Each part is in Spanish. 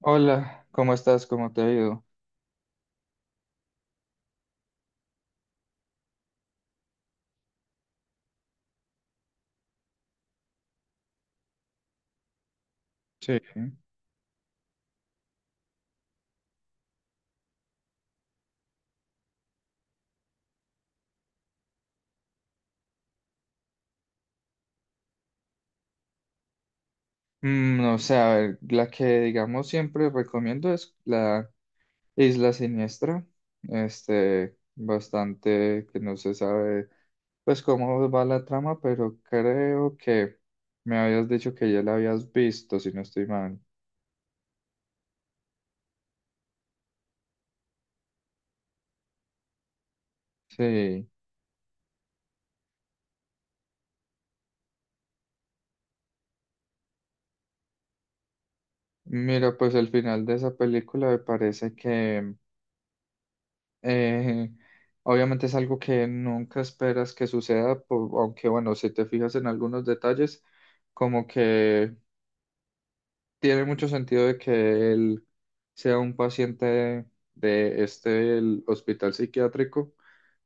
Hola, ¿cómo estás? ¿Cómo te ha ido? Sí. No sé, a ver, la que digamos siempre recomiendo es la Isla Siniestra. Este, bastante que no se sabe pues cómo va la trama, pero creo que me habías dicho que ya la habías visto, si no estoy mal. Sí. Mira, pues el final de esa película me parece que Eh, obviamente es algo que nunca esperas que suceda, aunque bueno, si te fijas en algunos detalles, como que tiene mucho sentido de que él sea un paciente de este el hospital psiquiátrico,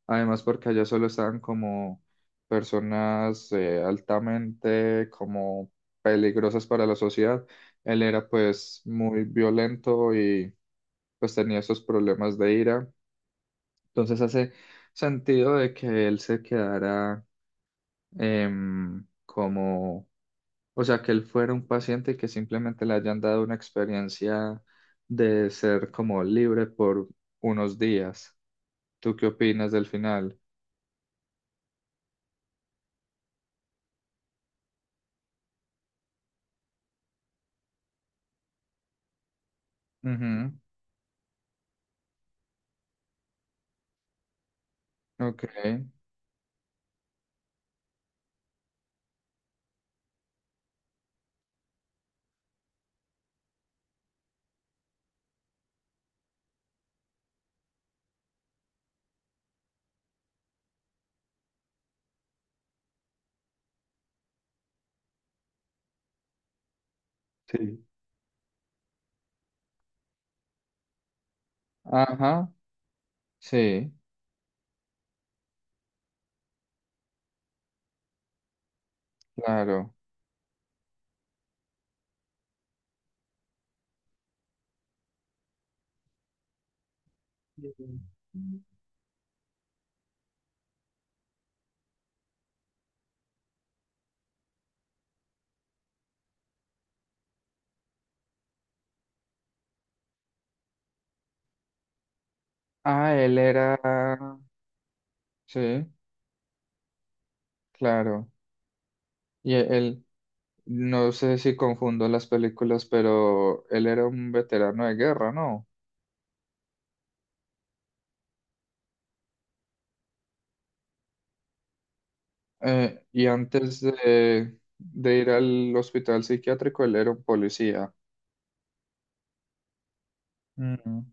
además porque allá solo estaban como personas altamente como peligrosas para la sociedad. Él era pues muy violento y pues tenía esos problemas de ira. Entonces hace sentido de que él se quedara como, o sea, que él fuera un paciente y que simplemente le hayan dado una experiencia de ser como libre por unos días. ¿Tú qué opinas del final? Ujú. Ok. Sí. Ajá, sí, claro. Mm. Ah, él era, sí, claro. Y él, no sé si confundo las películas, pero él era un veterano de guerra, ¿no? Y antes de ir al hospital psiquiátrico, él era un policía. Mm,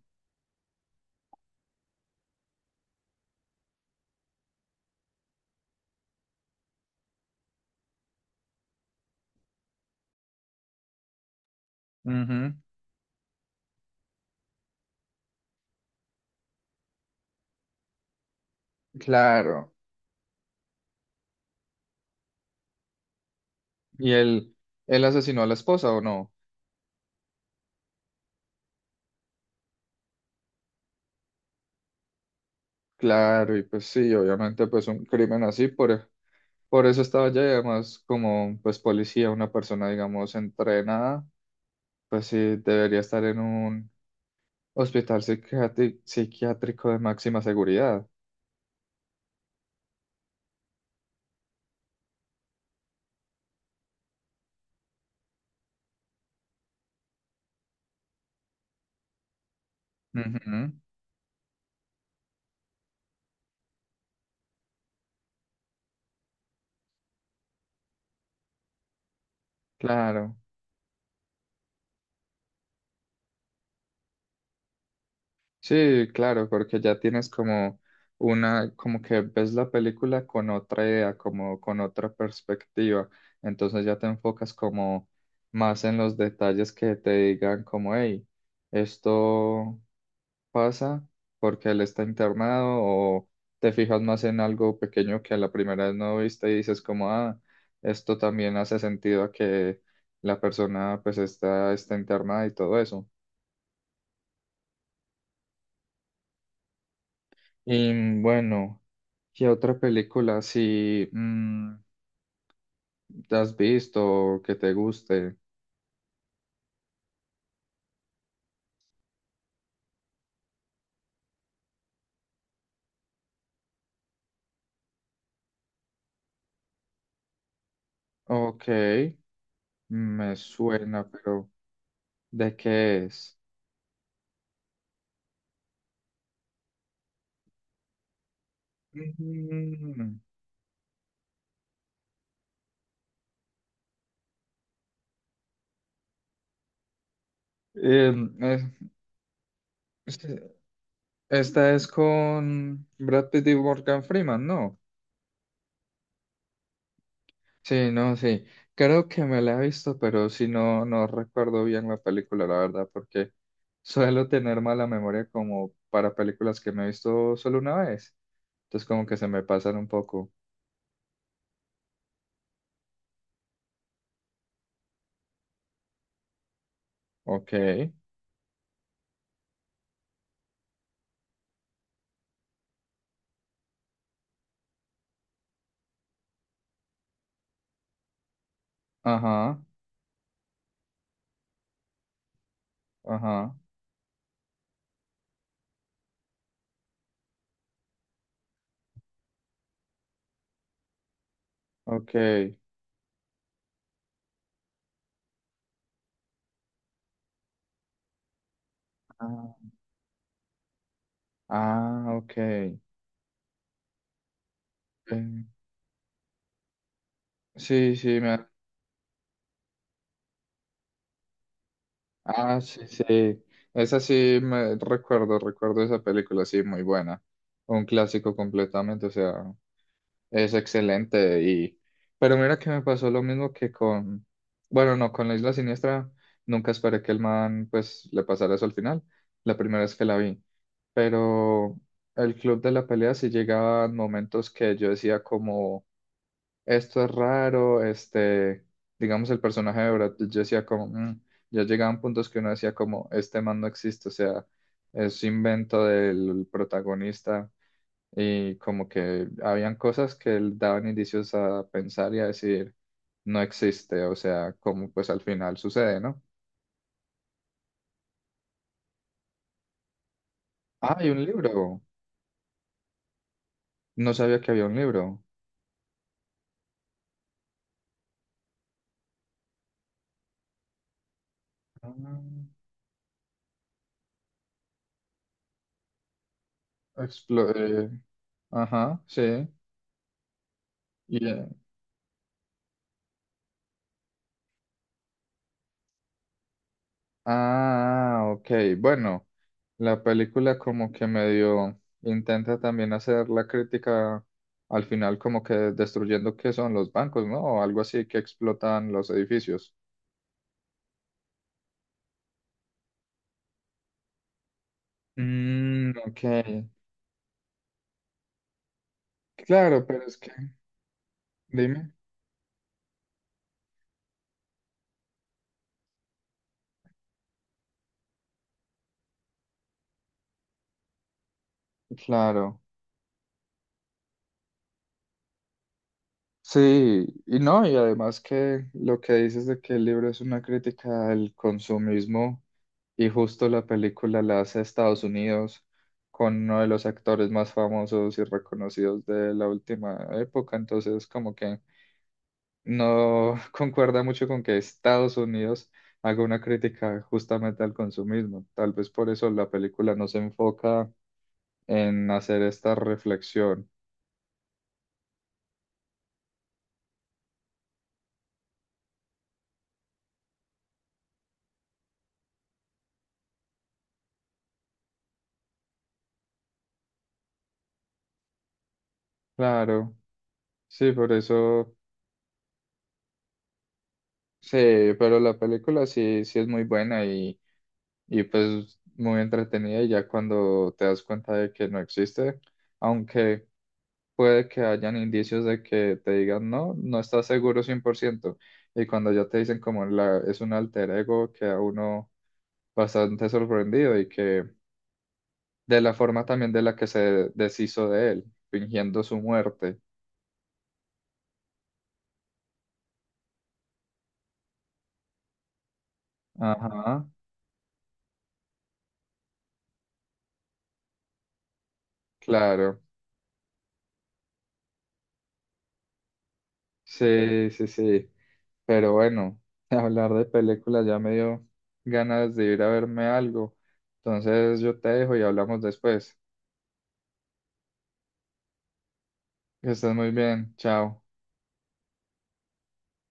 ujú. Claro. ¿Y él asesinó a la esposa o no? Claro, y pues sí, obviamente pues un crimen así, por eso estaba allá y además como pues policía, una persona digamos entrenada, pues sí, debería estar en un psiquiátrico de máxima seguridad. Ujú. Claro, sí, claro, porque ya tienes como una, como que ves la película con otra idea, como con otra perspectiva, entonces ya te enfocas como más en los detalles que te digan como, hey, esto pasa porque él está internado o te fijas más en algo pequeño que la primera vez no viste y dices como, ah, esto también hace sentido a que la persona pues está, está internada y todo eso. Y bueno, ¿qué otra película si te has visto o que te guste? Ok, me suena, pero ¿de qué es? Mm, em, es- este- Esta es con Brad Pitt y Morgan Freeman, ¿no? Sí, no, sí. Creo que me la he visto, pero si no, no recuerdo bien la película, la verdad, porque suelo tener mala memoria como para películas que me he visto solo una vez. Entonces como que se me pasan un poco. Ok, ajá, ajá, ok. Ah, ah, ok. Sí, sí, me... Ah, sí, sí. Esa sí me recuerdo esa película, sí, muy buena. Un clásico completamente, o sea. Es excelente y pero mira que me pasó lo mismo que con bueno, no, con la Isla Siniestra nunca esperé que el man pues le pasara eso al final, la primera vez que la vi. Pero el club de la pelea sí llegaban momentos que yo decía como esto es raro, este, digamos el personaje de Brad Pitt, yo decía como "Mm", ya llegaban puntos que uno decía como este man no existe, o sea, es invento del protagonista y como que habían cosas que daban indicios a pensar y a decir, no existe, o sea, como pues al final sucede, ¿no? Ah, hay un libro. No sabía que había un libro. Ah, explo- eh, ajá, sí. Y, ah, ok. Bueno, la película como que medio intenta también hacer la crítica al final como que destruyendo qué son los bancos, ¿no? O algo así que explotan los edificios. Mm, ok. Claro, pero es que, dime, claro. Sí, y no, y además que lo que dices de que el libro es una crítica al consumismo y justo la película la hace Estados Unidos con uno de los actores más famosos y reconocidos de la última época, entonces como que no concuerda mucho con que Estados Unidos haga una crítica justamente al consumismo. Tal vez por eso la película no se enfoca en hacer esta reflexión. Claro. Sí, por eso, sí, pero la película sí, sí es muy buena y pues muy entretenida y ya cuando te das cuenta de que no existe, aunque puede que hayan indicios de que te digan no, no estás seguro 100% y cuando ya te dicen como la, es un alter ego queda uno bastante sorprendido y que de la forma también de la que se deshizo de él, fingiendo su muerte. Ajá, claro, sí, sí, sí. Pero bueno, hablar de películas ya me dio ganas de ir a verme algo. Entonces yo te dejo y hablamos después. Que estés muy bien. Chao.